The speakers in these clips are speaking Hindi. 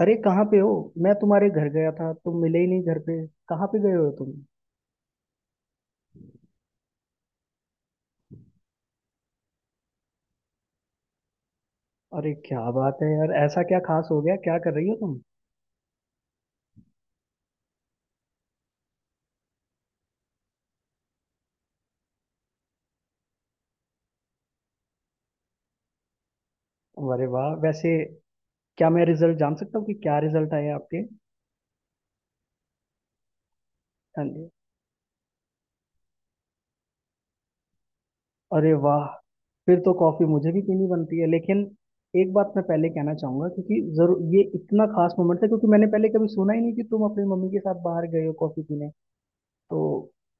अरे कहाँ पे हो। मैं तुम्हारे घर गया था, तुम मिले ही नहीं घर पे। कहाँ पे गए हो तुम? अरे क्या बात है यार, ऐसा क्या खास हो गया, क्या कर रही हो तुम? अरे वाह, वैसे क्या मैं रिजल्ट जान सकता हूँ कि क्या रिजल्ट आए आपके? हाँ जी। अरे वाह, फिर तो कॉफी मुझे भी पीनी बनती है। लेकिन एक बात मैं पहले कहना चाहूंगा, क्योंकि जरूर ये इतना खास मोमेंट है क्योंकि मैंने पहले कभी सुना ही नहीं कि तुम अपनी मम्मी के साथ बाहर गए हो कॉफी पीने। तो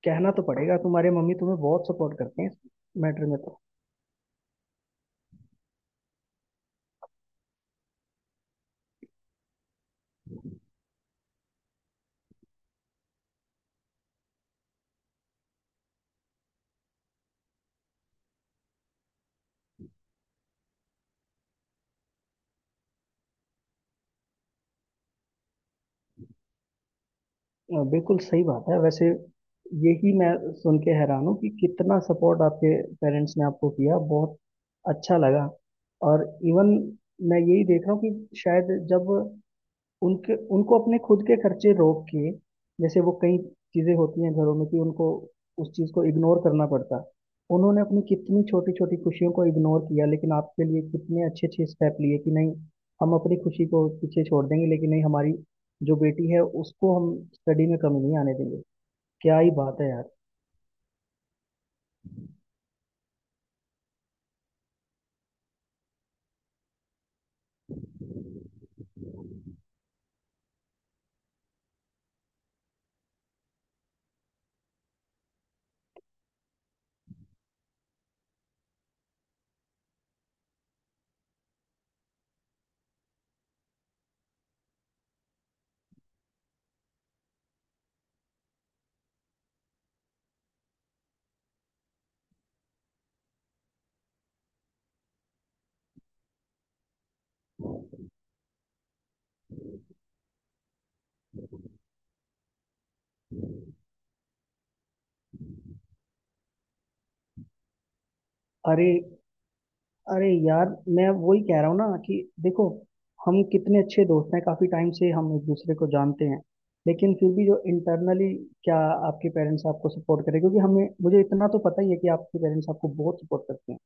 कहना तो पड़ेगा, तुम्हारे मम्मी तुम्हें बहुत सपोर्ट करते हैं इस मैटर में। बिल्कुल सही बात है। वैसे यही मैं सुन के हैरान हूँ कि कितना सपोर्ट आपके पेरेंट्स ने आपको किया। बहुत अच्छा लगा। और इवन मैं यही देख रहा हूँ कि शायद जब उनके उनको अपने खुद के खर्चे रोक के, जैसे वो कई चीजें होती हैं घरों में कि उनको उस चीज को इग्नोर करना पड़ता, उन्होंने अपनी कितनी छोटी छोटी खुशियों को इग्नोर किया लेकिन आपके लिए कितने अच्छे अच्छे स्टेप लिए कि नहीं, हम अपनी खुशी को पीछे छोड़ देंगे लेकिन नहीं, हमारी जो बेटी है उसको हम स्टडी में कमी नहीं आने देंगे। क्या ही बात है यार। अरे, अरे यार, मैं वही कह रहा हूँ ना कि देखो, हम कितने अच्छे दोस्त हैं, काफी टाइम से हम एक दूसरे को जानते हैं लेकिन फिर भी जो इंटरनली क्या आपके पेरेंट्स आपको सपोर्ट करें, क्योंकि हमें मुझे इतना तो पता ही है कि आपके पेरेंट्स आपको बहुत सपोर्ट करते हैं।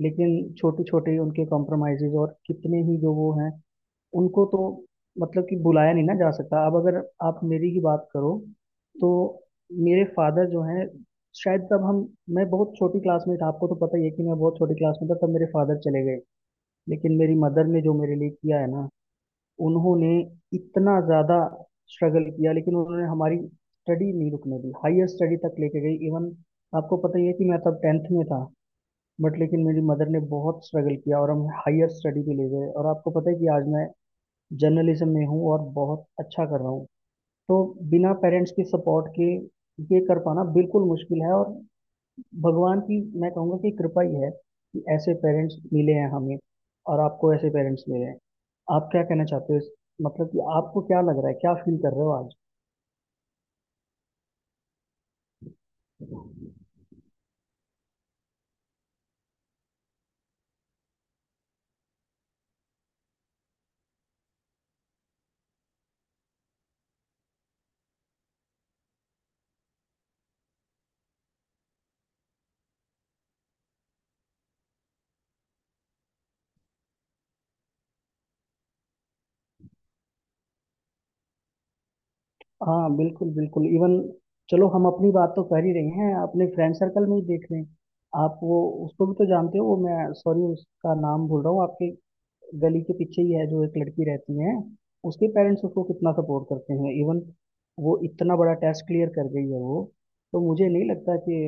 लेकिन छोटे छोटे उनके कॉम्प्रोमाइजेज और कितने ही जो वो हैं, उनको तो मतलब कि बुलाया नहीं ना जा सकता। अब अगर आप मेरी ही बात करो तो मेरे फादर जो हैं, शायद तब हम, मैं बहुत छोटी क्लास में था, आपको तो पता ही है कि मैं बहुत छोटी क्लास में था तब मेरे फादर चले गए। लेकिन मेरी मदर ने जो मेरे लिए किया है ना, उन्होंने इतना ज़्यादा स्ट्रगल किया लेकिन उन्होंने हमारी स्टडी नहीं रुकने दी, हायर स्टडी तक लेके गई। इवन आपको पता ही है कि मैं तब टेंथ में था। बट लेकिन मेरी मदर ने बहुत स्ट्रगल किया और हम हायर स्टडी पे ले गए और आपको पता है कि आज मैं जर्नलिज्म में हूँ और बहुत अच्छा कर रहा हूँ। तो बिना पेरेंट्स के सपोर्ट के ये कर पाना बिल्कुल मुश्किल है। और भगवान की मैं कहूँगा कि कृपा ही है कि ऐसे पेरेंट्स मिले हैं हमें, और आपको ऐसे पेरेंट्स मिले हैं। आप क्या कहना चाहते हो इस-, मतलब कि आपको क्या लग रहा है, क्या फील कर रहे हो आज? हाँ बिल्कुल बिल्कुल। इवन चलो हम अपनी बात तो कर ही रहे हैं, अपने फ्रेंड सर्कल में ही देख लें। आप वो, उसको भी तो जानते हो वो, मैं सॉरी उसका नाम भूल रहा हूँ, आपके गली के पीछे ही है जो एक लड़की रहती है, उसके पेरेंट्स उसको कितना सपोर्ट करते हैं। इवन वो इतना बड़ा टेस्ट क्लियर कर गई है वो। तो मुझे नहीं लगता कि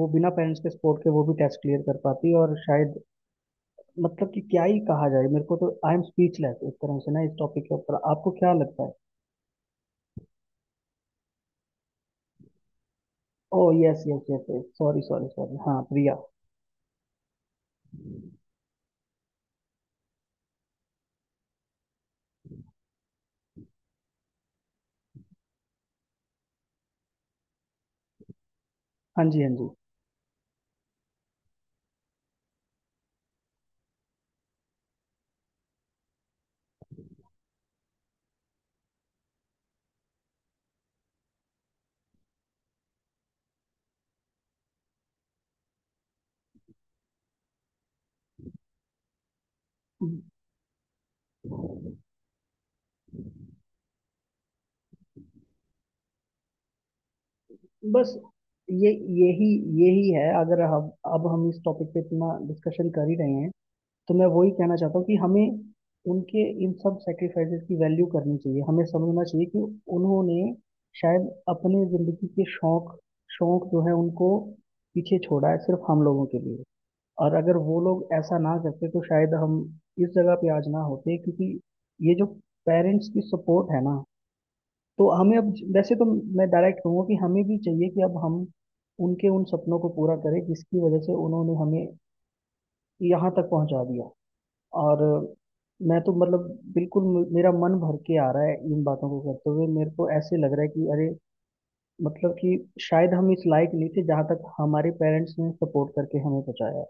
वो बिना पेरेंट्स के सपोर्ट के वो भी टेस्ट क्लियर कर पाती। और शायद, मतलब कि क्या ही कहा जाए, मेरे को तो आई एम स्पीचलेस एक तरह से ना इस टॉपिक के ऊपर। आपको क्या लगता है? Oh yes yes yes, sorry sorry sorry, हाँ प्रिया। हाँ जी, हाँ जी। बस ये, यही, यही है। अगर हम अब हम इस टॉपिक पे इतना डिस्कशन कर ही रहे हैं तो मैं वही कहना चाहता हूँ कि हमें उनके इन सब सेक्रीफाइसेस की वैल्यू करनी चाहिए, हमें समझना चाहिए कि उन्होंने शायद अपनी जिंदगी के शौक शौक जो है उनको पीछे छोड़ा है सिर्फ हम लोगों के लिए। और अगर वो लोग ऐसा ना करते तो शायद हम इस जगह पे आज ना होते, क्योंकि ये जो पेरेंट्स की सपोर्ट है ना, तो हमें अब वैसे तो, मैं डायरेक्ट कहूँगा कि हमें भी चाहिए कि अब हम उनके उन सपनों को पूरा करें जिसकी वजह से उन्होंने हमें यहाँ तक पहुँचा दिया। और मैं तो मतलब बिल्कुल मेरा मन भर के आ रहा है इन बातों को करते हुए, मेरे को ऐसे लग रहा है कि अरे, मतलब कि शायद हम इस लायक नहीं थे जहाँ तक हमारे पेरेंट्स ने सपोर्ट करके हमें पहुँचाया।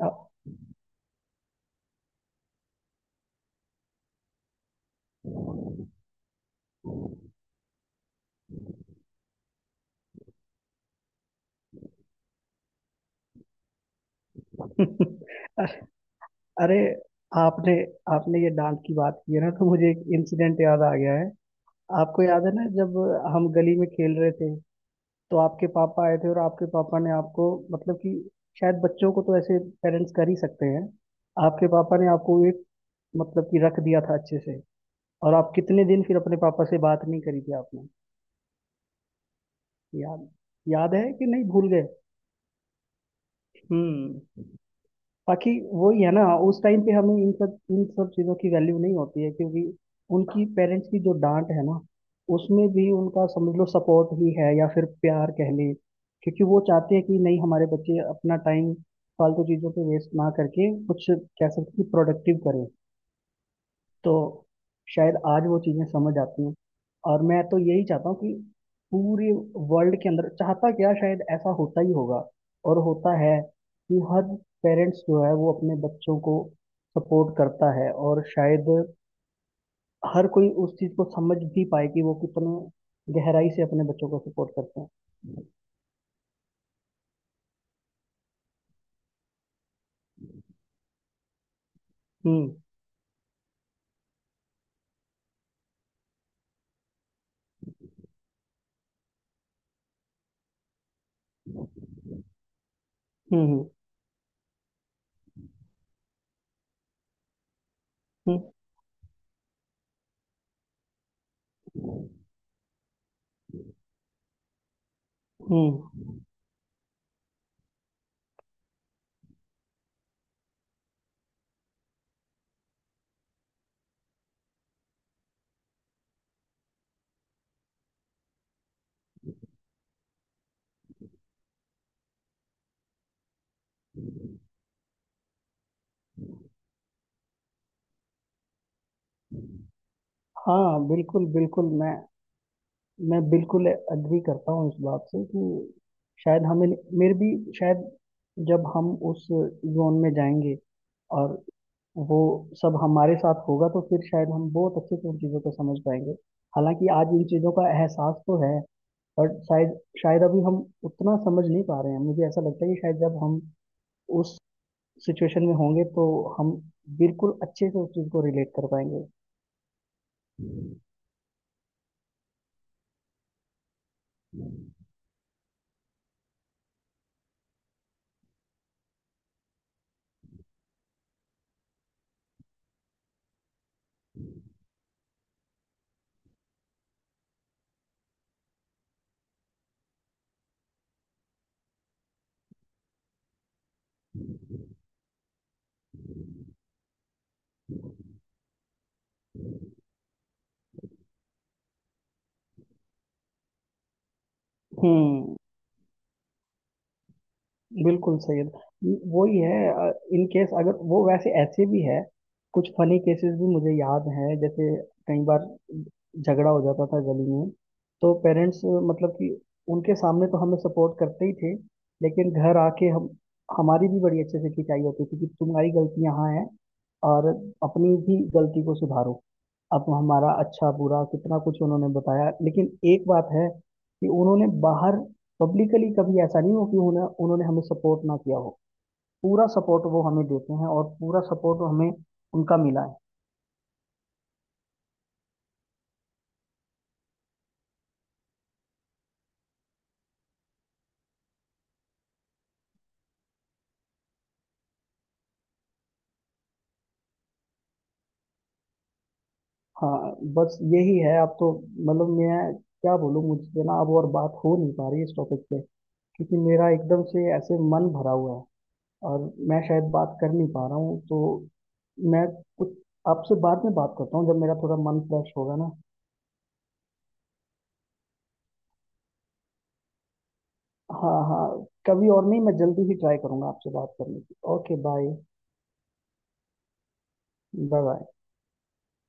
अ- अरे, आपने आपने ये डांट की बात की है ना, तो मुझे एक इंसिडेंट याद आ गया है। आपको याद है ना जब हम गली में खेल रहे थे, तो आपके पापा आए थे और आपके पापा ने आपको, मतलब कि शायद बच्चों को तो ऐसे पेरेंट्स कर ही सकते हैं, आपके पापा ने आपको एक, मतलब कि रख दिया था अच्छे से। और आप कितने दिन फिर अपने पापा से बात नहीं करी थी आपने? याद, याद है कि नहीं, भूल गए? हम्म। बाकी वही है ना, उस टाइम पे हमें इन सब चीज़ों की वैल्यू नहीं होती है, क्योंकि उनकी पेरेंट्स की जो डांट है ना, उसमें भी उनका समझ लो सपोर्ट ही है, या फिर प्यार कह ले, क्योंकि वो चाहते हैं कि नहीं, हमारे बच्चे अपना टाइम फालतू चीज़ों पे वेस्ट ना करके, कुछ कह सकते हैं कि प्रोडक्टिव करें। तो शायद आज वो चीज़ें समझ आती हैं। और मैं तो यही चाहता हूँ कि पूरे वर्ल्ड के अंदर, चाहता क्या शायद ऐसा होता ही होगा और होता है, कि हर पेरेंट्स जो है वो अपने बच्चों को सपोर्ट करता है, और शायद हर कोई उस चीज़ को समझ भी पाए कि वो कितने गहराई से अपने बच्चों को सपोर्ट करते हैं। हम्म हम्म हम्म हम्म हम्म। हाँ बिल्कुल बिल्कुल। मैं बिल्कुल अग्री करता हूँ इस बात से कि शायद हमें, मेरे भी शायद, जब हम उस जोन में जाएंगे और वो सब हमारे साथ होगा तो फिर शायद हम बहुत अच्छे से उन चीज़ों को समझ पाएंगे। हालांकि आज इन चीज़ों का एहसास तो है, बट शायद, शायद अभी हम उतना समझ नहीं पा रहे हैं। मुझे ऐसा लगता है कि शायद जब हम उस सिचुएशन में होंगे तो हम बिल्कुल अच्छे से उस चीज़ को रिलेट कर पाएंगे। हम्म, बिल्कुल सही है। वही है। इन केस अगर वो, वैसे ऐसे भी है कुछ फनी केसेस भी मुझे याद हैं। जैसे कई बार झगड़ा हो जाता था गली में, तो पेरेंट्स मतलब कि उनके सामने तो हमें सपोर्ट करते ही थे, लेकिन घर आके हम, हमारी भी बड़ी अच्छे से खिंचाई होती थी कि तुम्हारी गलती यहाँ है, और अपनी भी गलती को सुधारो। अब हमारा अच्छा बुरा कितना कुछ उन्होंने बताया, लेकिन एक बात है कि उन्होंने बाहर पब्लिकली कभी ऐसा नहीं हो कि उन्हें उन्होंने हमें सपोर्ट ना किया हो। पूरा सपोर्ट वो हमें देते हैं और पूरा सपोर्ट हमें उनका मिला है। हाँ, बस यही है अब तो। मतलब मैं क्या बोलूँ, मुझसे ना अब और बात हो नहीं पा रही इस टॉपिक पे, क्योंकि मेरा एकदम से ऐसे मन भरा हुआ है और मैं शायद बात कर नहीं पा रहा हूँ। तो मैं कुछ आपसे बाद में बात करता हूँ, जब मेरा थोड़ा मन फ्रेश होगा ना। हाँ हाँ, कभी और नहीं, मैं जल्दी ही ट्राई करूंगा आपसे बात करने की। Okay bye. Bye bye.